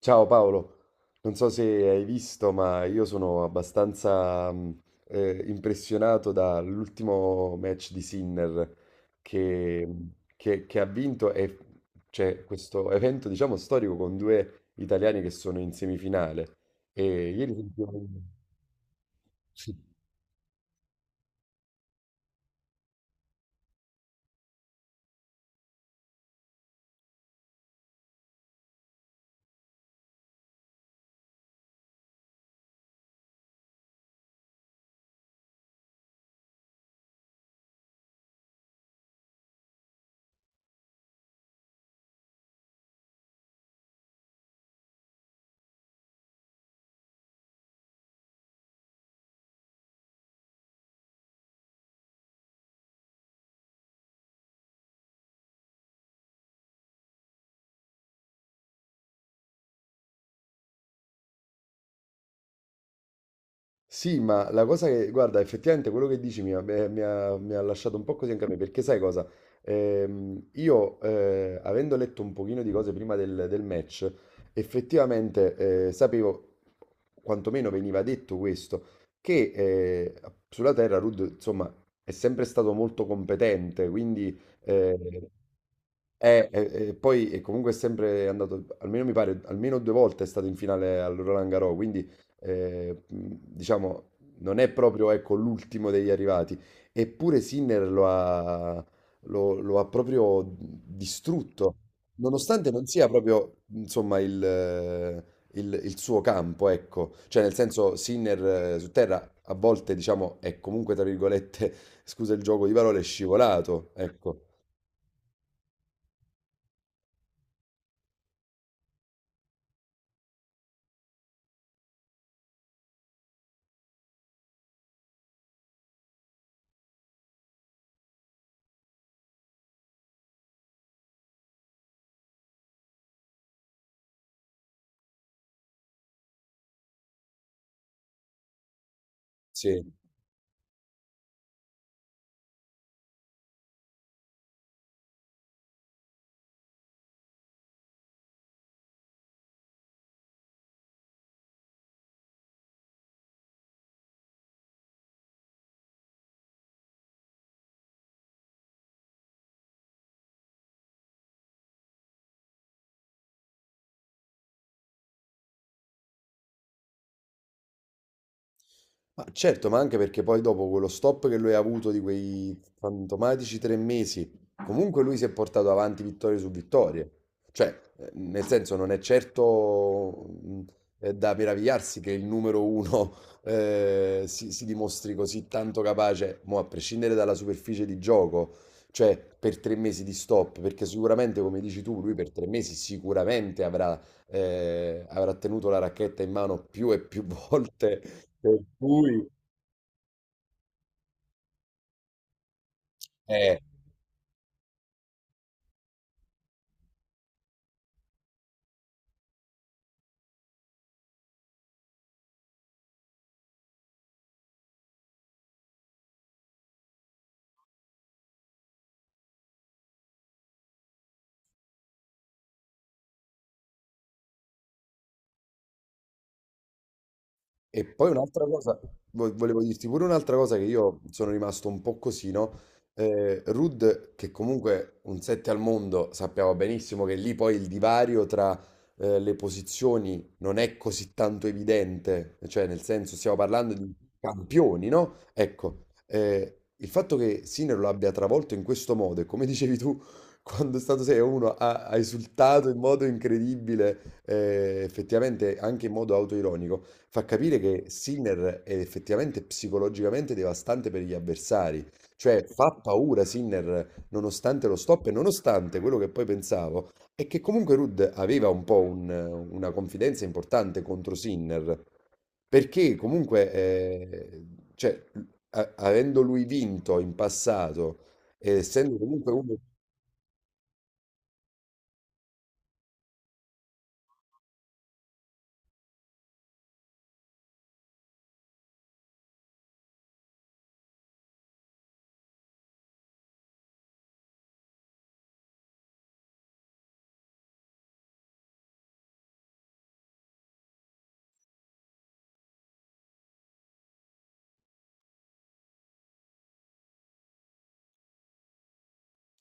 Ciao Paolo, non so se hai visto, ma io sono abbastanza impressionato dall'ultimo match di Sinner che, che ha vinto e c'è questo evento, diciamo, storico con due italiani che sono in semifinale. E ieri sentivo... Sì, ma la cosa che, guarda, effettivamente quello che dici mi ha lasciato un po' così anche a me, perché sai cosa? Io, avendo letto un pochino di cose prima del match, effettivamente, sapevo, quantomeno veniva detto questo, che sulla terra Rudd, insomma, è sempre stato molto competente, quindi... eh, poi e comunque è sempre andato, almeno mi pare, almeno due volte è stato in finale al Roland Garros, quindi diciamo, non è proprio, ecco, l'ultimo degli arrivati, eppure Sinner lo ha proprio distrutto, nonostante non sia proprio, insomma, il suo campo, ecco, cioè nel senso Sinner su terra a volte, diciamo, è comunque, tra virgolette, scusa il gioco di parole, scivolato, ecco, sì. Ma certo, ma anche perché poi dopo quello stop che lui ha avuto di quei fantomatici tre mesi, comunque lui si è portato avanti vittorie su vittorie. Cioè, nel senso, non è certo da meravigliarsi che il numero uno si dimostri così tanto capace, mo a prescindere dalla superficie di gioco, cioè per tre mesi di stop, perché sicuramente, come dici tu, lui per tre mesi sicuramente avrà tenuto la racchetta in mano più e più volte, per cui eh, e poi un'altra cosa, volevo dirti pure un'altra cosa che io sono rimasto un po' così, no? Rud, che comunque un 7 al mondo, sappiamo benissimo che lì poi il divario tra le posizioni non è così tanto evidente, cioè nel senso stiamo parlando di campioni, no? Ecco, il fatto che Sinner lo abbia travolto in questo modo e come dicevi tu, quando è stato 6-1 ha esultato in modo incredibile, effettivamente anche in modo autoironico fa capire che Sinner è effettivamente psicologicamente devastante per gli avversari. Cioè, fa paura Sinner nonostante lo stop e nonostante quello che poi pensavo è che comunque Rudd aveva un po' una confidenza importante contro Sinner, perché comunque, cioè, avendo lui vinto in passato, e essendo comunque uno...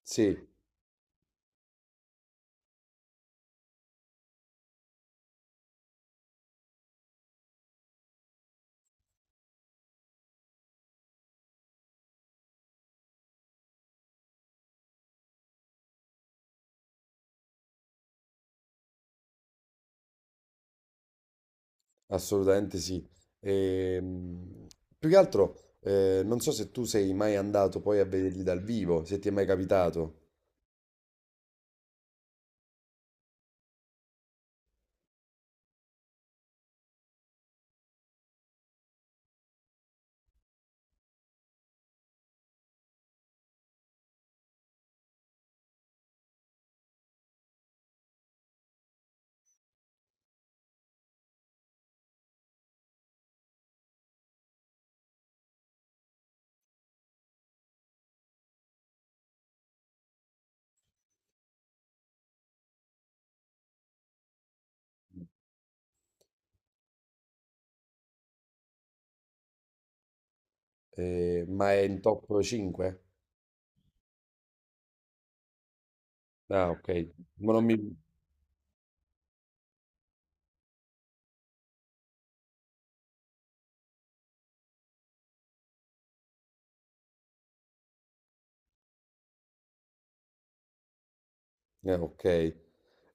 Sì. Assolutamente sì. Ehm, Più che altro, non so se tu sei mai andato poi a vederli dal vivo, se ti è mai capitato, eh, ma è in top 5? Ah, ok. Ma non mi... ok.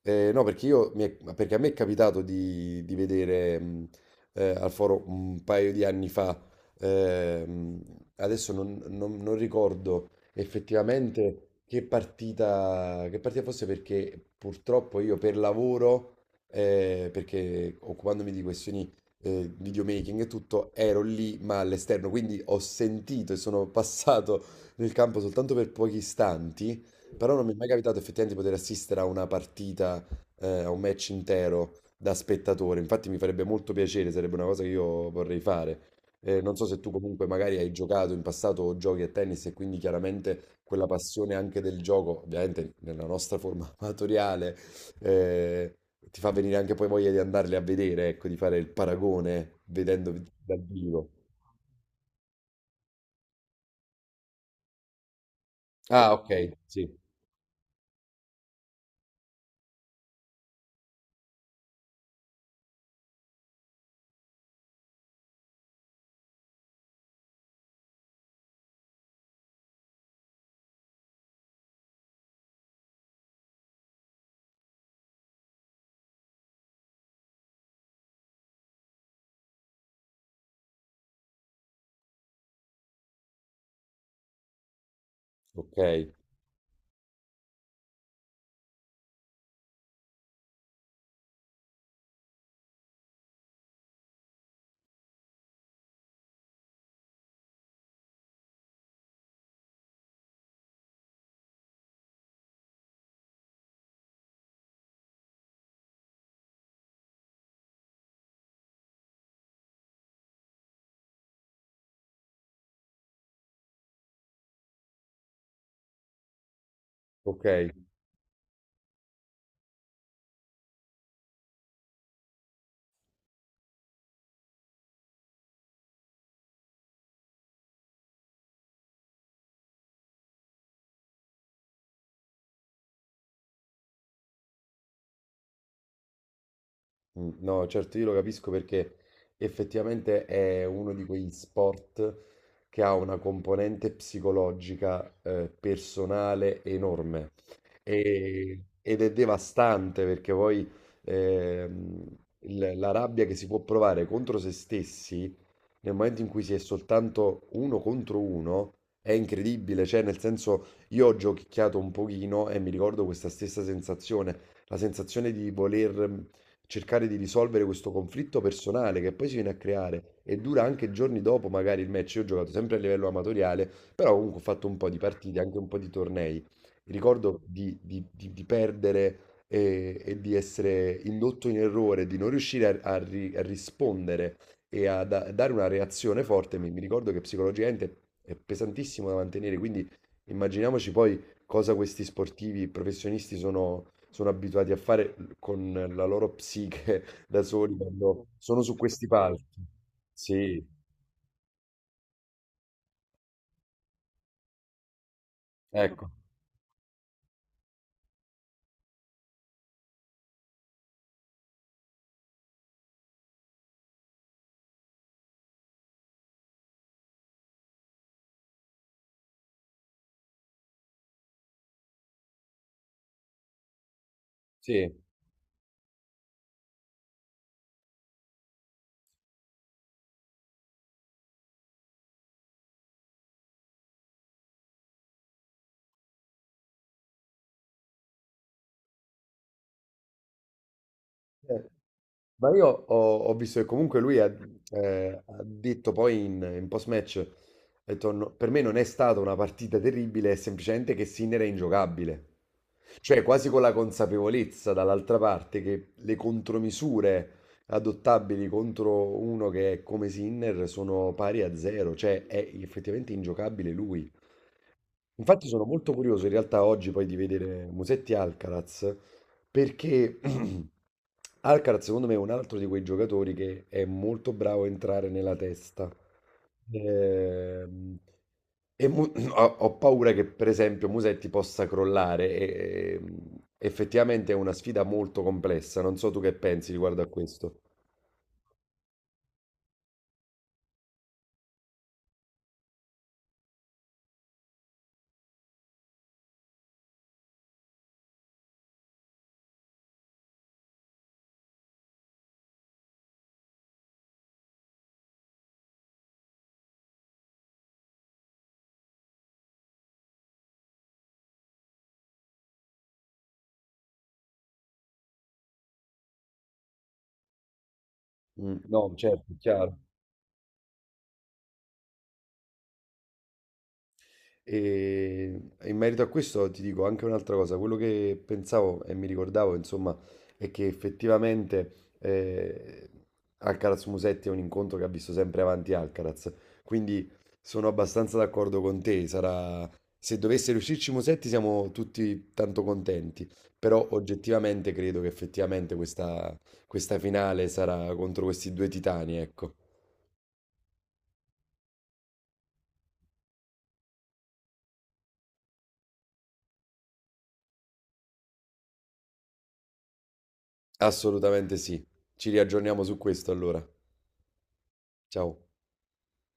No, perché a me è capitato di vedere al foro un paio di anni fa, ehm, adesso non ricordo effettivamente che partita fosse perché purtroppo io per lavoro, perché occupandomi di questioni videomaking e tutto, ero lì ma all'esterno, quindi ho sentito e sono passato nel campo soltanto per pochi istanti però non mi è mai capitato effettivamente di poter assistere a una partita, a un match intero da spettatore. Infatti mi farebbe molto piacere, sarebbe una cosa che io vorrei fare. Non so se tu comunque magari hai giocato in passato o giochi a tennis e quindi chiaramente quella passione anche del gioco, ovviamente nella nostra forma amatoriale, eh, ti fa venire anche poi voglia di andarli a vedere, ecco, di fare il paragone vedendo dal vivo. Ah, ok, sì, ok, ok. Mm, no, certo, io lo capisco perché effettivamente è uno di quegli sport che ha una componente psicologica, personale enorme. E- ed è devastante perché poi ehm, la rabbia che si può provare contro se stessi nel momento in cui si è soltanto uno contro uno, è incredibile, cioè nel senso io ho giochicchiato un pochino e mi ricordo questa stessa sensazione, la sensazione di voler cercare di risolvere questo conflitto personale che poi si viene a creare e dura anche giorni dopo magari il match, io ho giocato sempre a livello amatoriale, però comunque ho fatto un po' di partite, anche un po' di tornei, ricordo di perdere e di essere indotto in errore, di non riuscire a rispondere e a dare una reazione forte. Mi ricordo che psicologicamente è pesantissimo da mantenere, quindi immaginiamoci poi cosa questi sportivi professionisti sono abituati a fare con la loro psiche da soli quando sono su questi palchi. Sì, ecco, sì. Eh, Ma io ho visto che comunque lui ha detto poi in post-match, ha detto, "No, per me non è stata una partita terribile, è semplicemente che Sinner è ingiocabile. Cioè quasi con la consapevolezza dall'altra parte che le contromisure adottabili contro uno che è come Sinner sono pari a zero, cioè è effettivamente ingiocabile lui. Infatti sono molto curioso in realtà oggi poi di vedere Musetti Alcaraz perché Alcaraz secondo me è un altro di quei giocatori che è molto bravo a entrare nella testa. Ehm, e Mu- ho paura che per esempio Musetti possa crollare e effettivamente è una sfida molto complessa. Non so tu che pensi riguardo a questo. Mm, no, certo, è chiaro. E in merito a questo ti dico anche un'altra cosa, quello che pensavo e mi ricordavo, insomma, è che effettivamente eh, Alcaraz Musetti è un incontro che ha visto sempre avanti Alcaraz, quindi sono abbastanza d'accordo con te, sarà... se dovesse riuscirci Musetti siamo tutti tanto contenti, però oggettivamente credo che effettivamente questa finale sarà contro questi due titani, ecco, assolutamente sì, ci riaggiorniamo su questo allora, ciao.